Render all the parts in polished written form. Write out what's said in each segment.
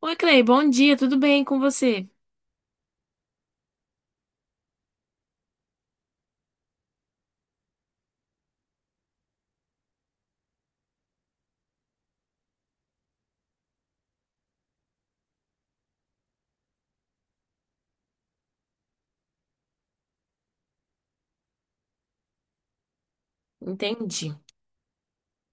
Oi, Clay, bom dia, tudo bem com você? Entendi.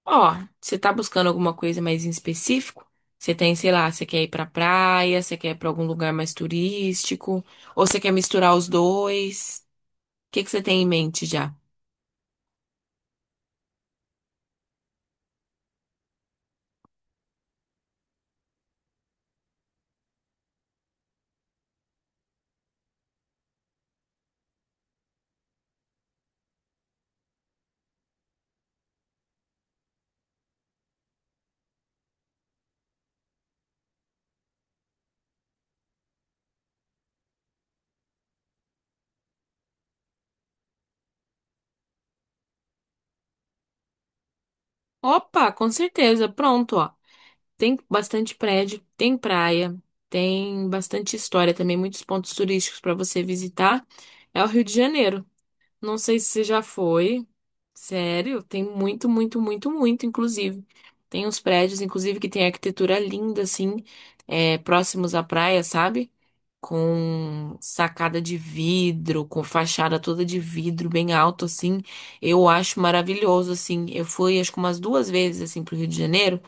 Ó, você tá buscando alguma coisa mais em específico? Você tem, sei lá, você quer ir pra praia, você quer ir pra algum lugar mais turístico, ou você quer misturar os dois? O que que você tem em mente já? Opa, com certeza, pronto, ó. Tem bastante prédio, tem praia, tem bastante história também, muitos pontos turísticos pra você visitar. É o Rio de Janeiro. Não sei se você já foi. Sério, tem muito, muito, muito, muito, inclusive. Tem uns prédios, inclusive, que tem arquitetura linda, assim, é, próximos à praia, sabe? Com sacada de vidro, com fachada toda de vidro, bem alto, assim. Eu acho maravilhoso, assim. Eu fui, acho que umas 2 vezes, assim, pro Rio de Janeiro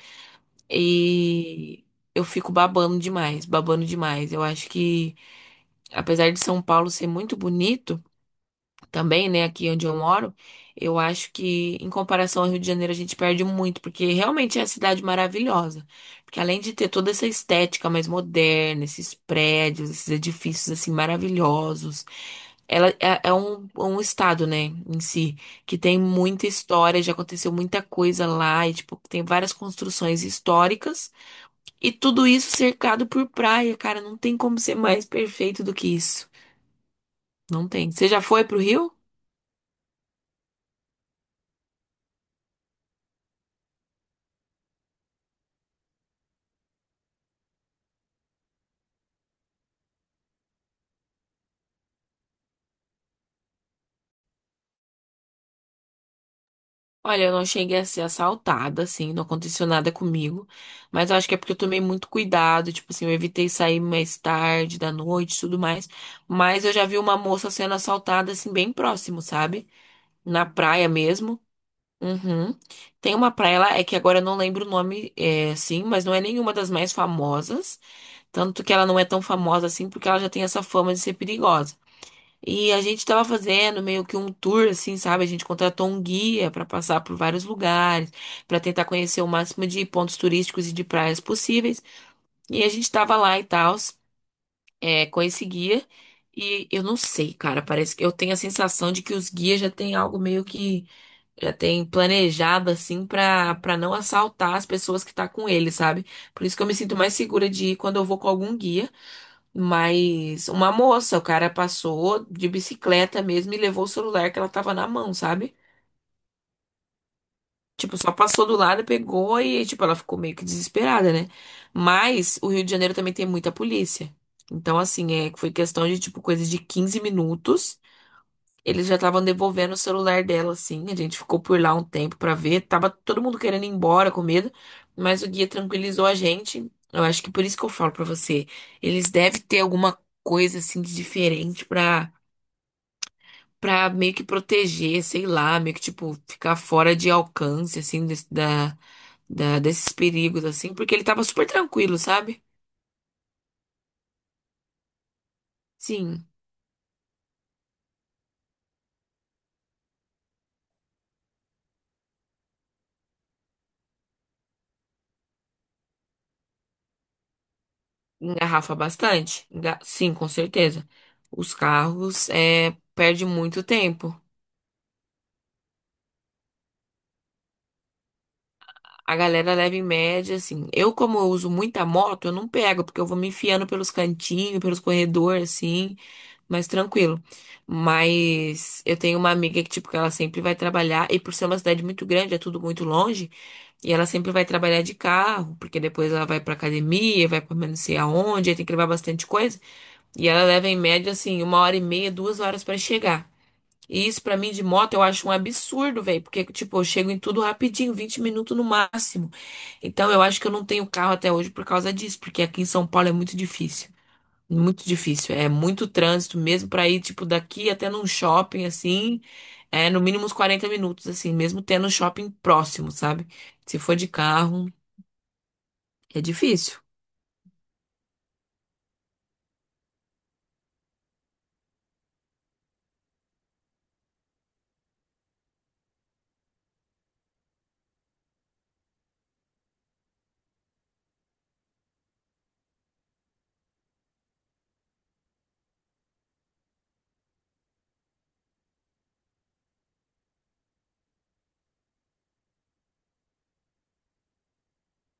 e eu fico babando demais, babando demais. Eu acho que, apesar de São Paulo ser muito bonito, também, né, aqui onde eu moro, eu acho que em comparação ao Rio de Janeiro a gente perde muito, porque realmente é a cidade maravilhosa. Porque além de ter toda essa estética mais moderna, esses prédios, esses edifícios assim maravilhosos, ela é um estado, né, em si, que tem muita história, já aconteceu muita coisa lá, e tipo, tem várias construções históricas, e tudo isso cercado por praia, cara, não tem como ser mais perfeito do que isso. Não tem. Você já foi pro Rio? Olha, eu não cheguei a ser assaltada, assim, não aconteceu nada comigo. Mas eu acho que é porque eu tomei muito cuidado, tipo assim, eu evitei sair mais tarde, da noite, e tudo mais. Mas eu já vi uma moça sendo assaltada, assim, bem próximo, sabe? Na praia mesmo. Uhum. Tem uma praia lá, é que agora eu não lembro o nome, é, assim, mas não é nenhuma das mais famosas. Tanto que ela não é tão famosa assim, porque ela já tem essa fama de ser perigosa. E a gente tava fazendo meio que um tour, assim, sabe? A gente contratou um guia pra passar por vários lugares, pra tentar conhecer o máximo de pontos turísticos e de praias possíveis. E a gente tava lá e tal, é, com esse guia. E eu não sei, cara, parece que eu tenho a sensação de que os guias já têm algo meio que já tem planejado, assim, pra, não assaltar as pessoas que tá com ele, sabe? Por isso que eu me sinto mais segura de ir quando eu vou com algum guia. Mas uma moça, o cara passou de bicicleta mesmo e levou o celular que ela tava na mão, sabe? Tipo, só passou do lado, pegou e, tipo, ela ficou meio que desesperada, né? Mas o Rio de Janeiro também tem muita polícia. Então, assim, é, foi questão de, tipo, coisa de 15 minutos. Eles já estavam devolvendo o celular dela, assim. A gente ficou por lá um tempo pra ver. Tava todo mundo querendo ir embora com medo, mas o guia tranquilizou a gente. Eu acho que por isso que eu falo pra você, eles devem ter alguma coisa assim de diferente pra para meio que proteger, sei lá, meio que tipo ficar fora de alcance assim desse, da desses perigos assim, porque ele tava super tranquilo, sabe? Sim, engarrafa bastante. Sim, com certeza. Os carros é perde muito tempo. A galera leva em média, assim. Eu, como eu uso muita moto, eu não pego, porque eu vou me enfiando pelos cantinhos, pelos corredores, assim, mais tranquilo. Mas eu tenho uma amiga que, tipo, que ela sempre vai trabalhar, e por ser uma cidade muito grande, é tudo muito longe, e ela sempre vai trabalhar de carro, porque depois ela vai pra academia, vai pra não sei aonde, aí tem que levar bastante coisa, e ela leva em média, assim, 1 hora e meia, 2 horas pra chegar. E isso pra mim de moto eu acho um absurdo, velho, porque tipo, eu chego em tudo rapidinho, 20 minutos no máximo. Então eu acho que eu não tenho carro até hoje por causa disso, porque aqui em São Paulo é muito difícil, é muito trânsito mesmo pra ir tipo daqui até num shopping assim, é no mínimo uns 40 minutos assim, mesmo tendo um shopping próximo, sabe? Se for de carro, é difícil.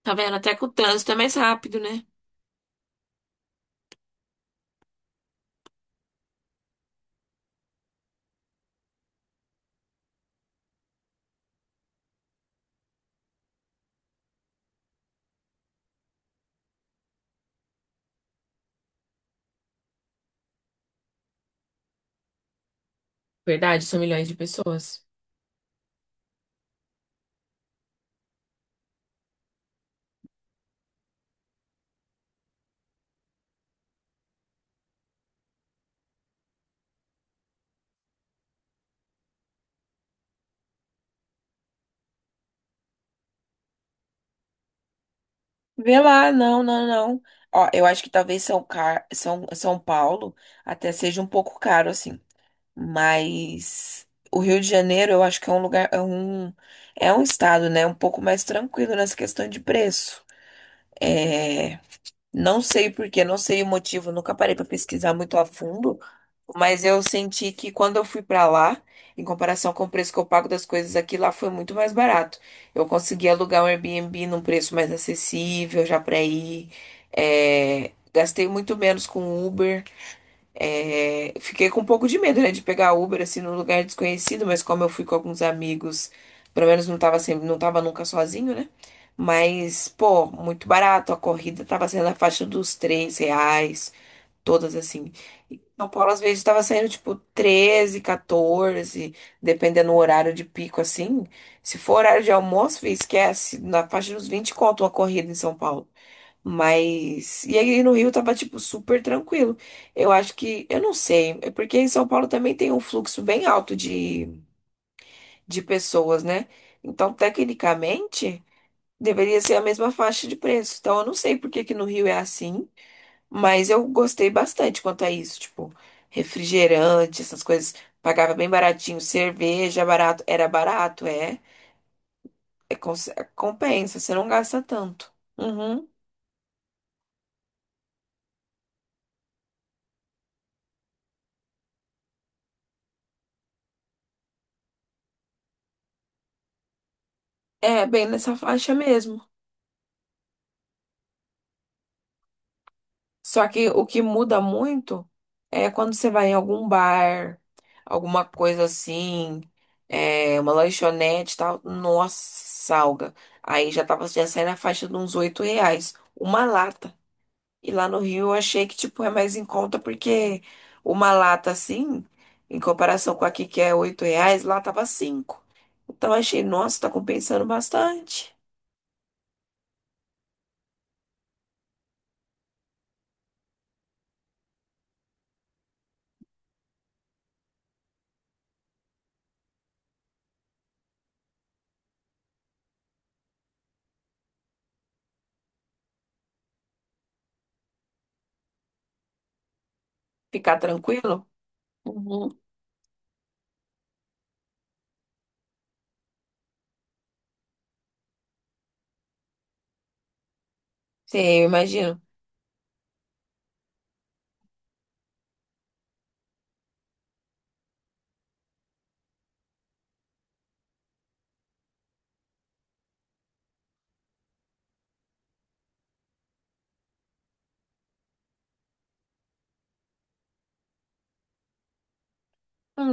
Tá vendo? Até com o trânsito é mais rápido, né? Verdade, são milhões de pessoas. Vê lá, não, não, não. Ó, eu acho que talvez São, Car... São... São Paulo até seja um pouco caro, assim. Mas o Rio de Janeiro, eu acho que é um lugar, é um estado, né? Um pouco mais tranquilo nessa questão de preço. É, não sei por quê, não sei o motivo, nunca parei pra pesquisar muito a fundo, mas eu senti que quando eu fui pra lá, em comparação com o preço que eu pago das coisas aqui, lá foi muito mais barato. Eu consegui alugar um Airbnb num preço mais acessível já pra ir, é, gastei muito menos com Uber. É, fiquei com um pouco de medo, né, de pegar Uber assim num lugar desconhecido, mas como eu fui com alguns amigos, pelo menos não tava sempre, não tava nunca sozinho, né? Mas, pô, muito barato, a corrida tava saindo na faixa dos 3 reais, todas assim. E São Paulo às vezes tava saindo tipo 13 14, dependendo do horário de pico assim. Se for horário de almoço, esquece, na faixa dos 20 conto uma corrida em São Paulo. Mas. E aí no Rio tava, tipo, super tranquilo. Eu acho que. Eu não sei. É porque em São Paulo também tem um fluxo bem alto de, pessoas, né? Então, tecnicamente, deveria ser a mesma faixa de preço. Então, eu não sei por que que no Rio é assim. Mas eu gostei bastante quanto a isso. Tipo, refrigerante, essas coisas. Pagava bem baratinho. Cerveja, barato. Era barato, é. É, compensa, você não gasta tanto. Uhum. É, bem nessa faixa mesmo. Só que o que muda muito é quando você vai em algum bar, alguma coisa assim, é, uma lanchonete e tal. Nossa, salga. Aí já tava, já sai na faixa de uns 8 reais. Uma lata. E lá no Rio eu achei que, tipo, é mais em conta porque uma lata assim, em comparação com aqui que é 8 reais, lá tava 5. Então eu achei, nossa, tá compensando bastante. Ficar tranquilo? Uhum. Sim, eu imagino.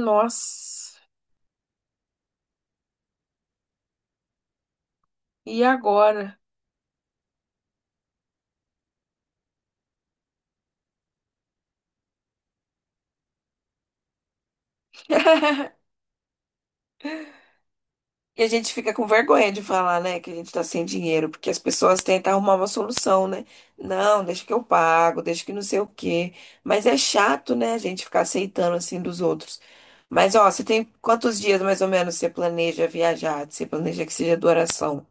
Nossa, e agora? E a gente fica com vergonha de falar, né, que a gente tá sem dinheiro, porque as pessoas tentam arrumar uma solução, né? Não, deixa que eu pago, deixa que não sei o quê. Mas é chato, né, a gente ficar aceitando assim dos outros. Mas, ó, você tem quantos dias mais ou menos você planeja viajar? Você planeja que seja duração?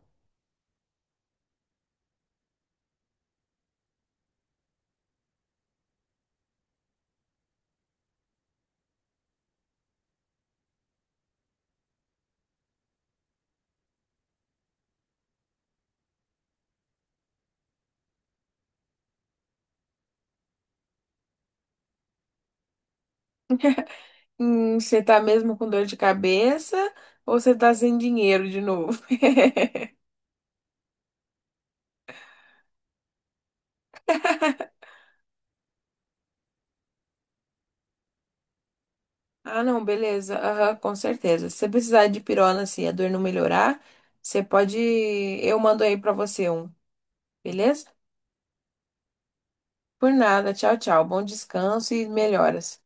Você tá mesmo com dor de cabeça ou você tá sem dinheiro de novo? Ah, não, beleza. Aham, com certeza. Se você precisar de pirona, assim, a dor não melhorar, você pode. Eu mando aí pra você um, beleza? Por nada. Tchau, tchau. Bom descanso e melhoras.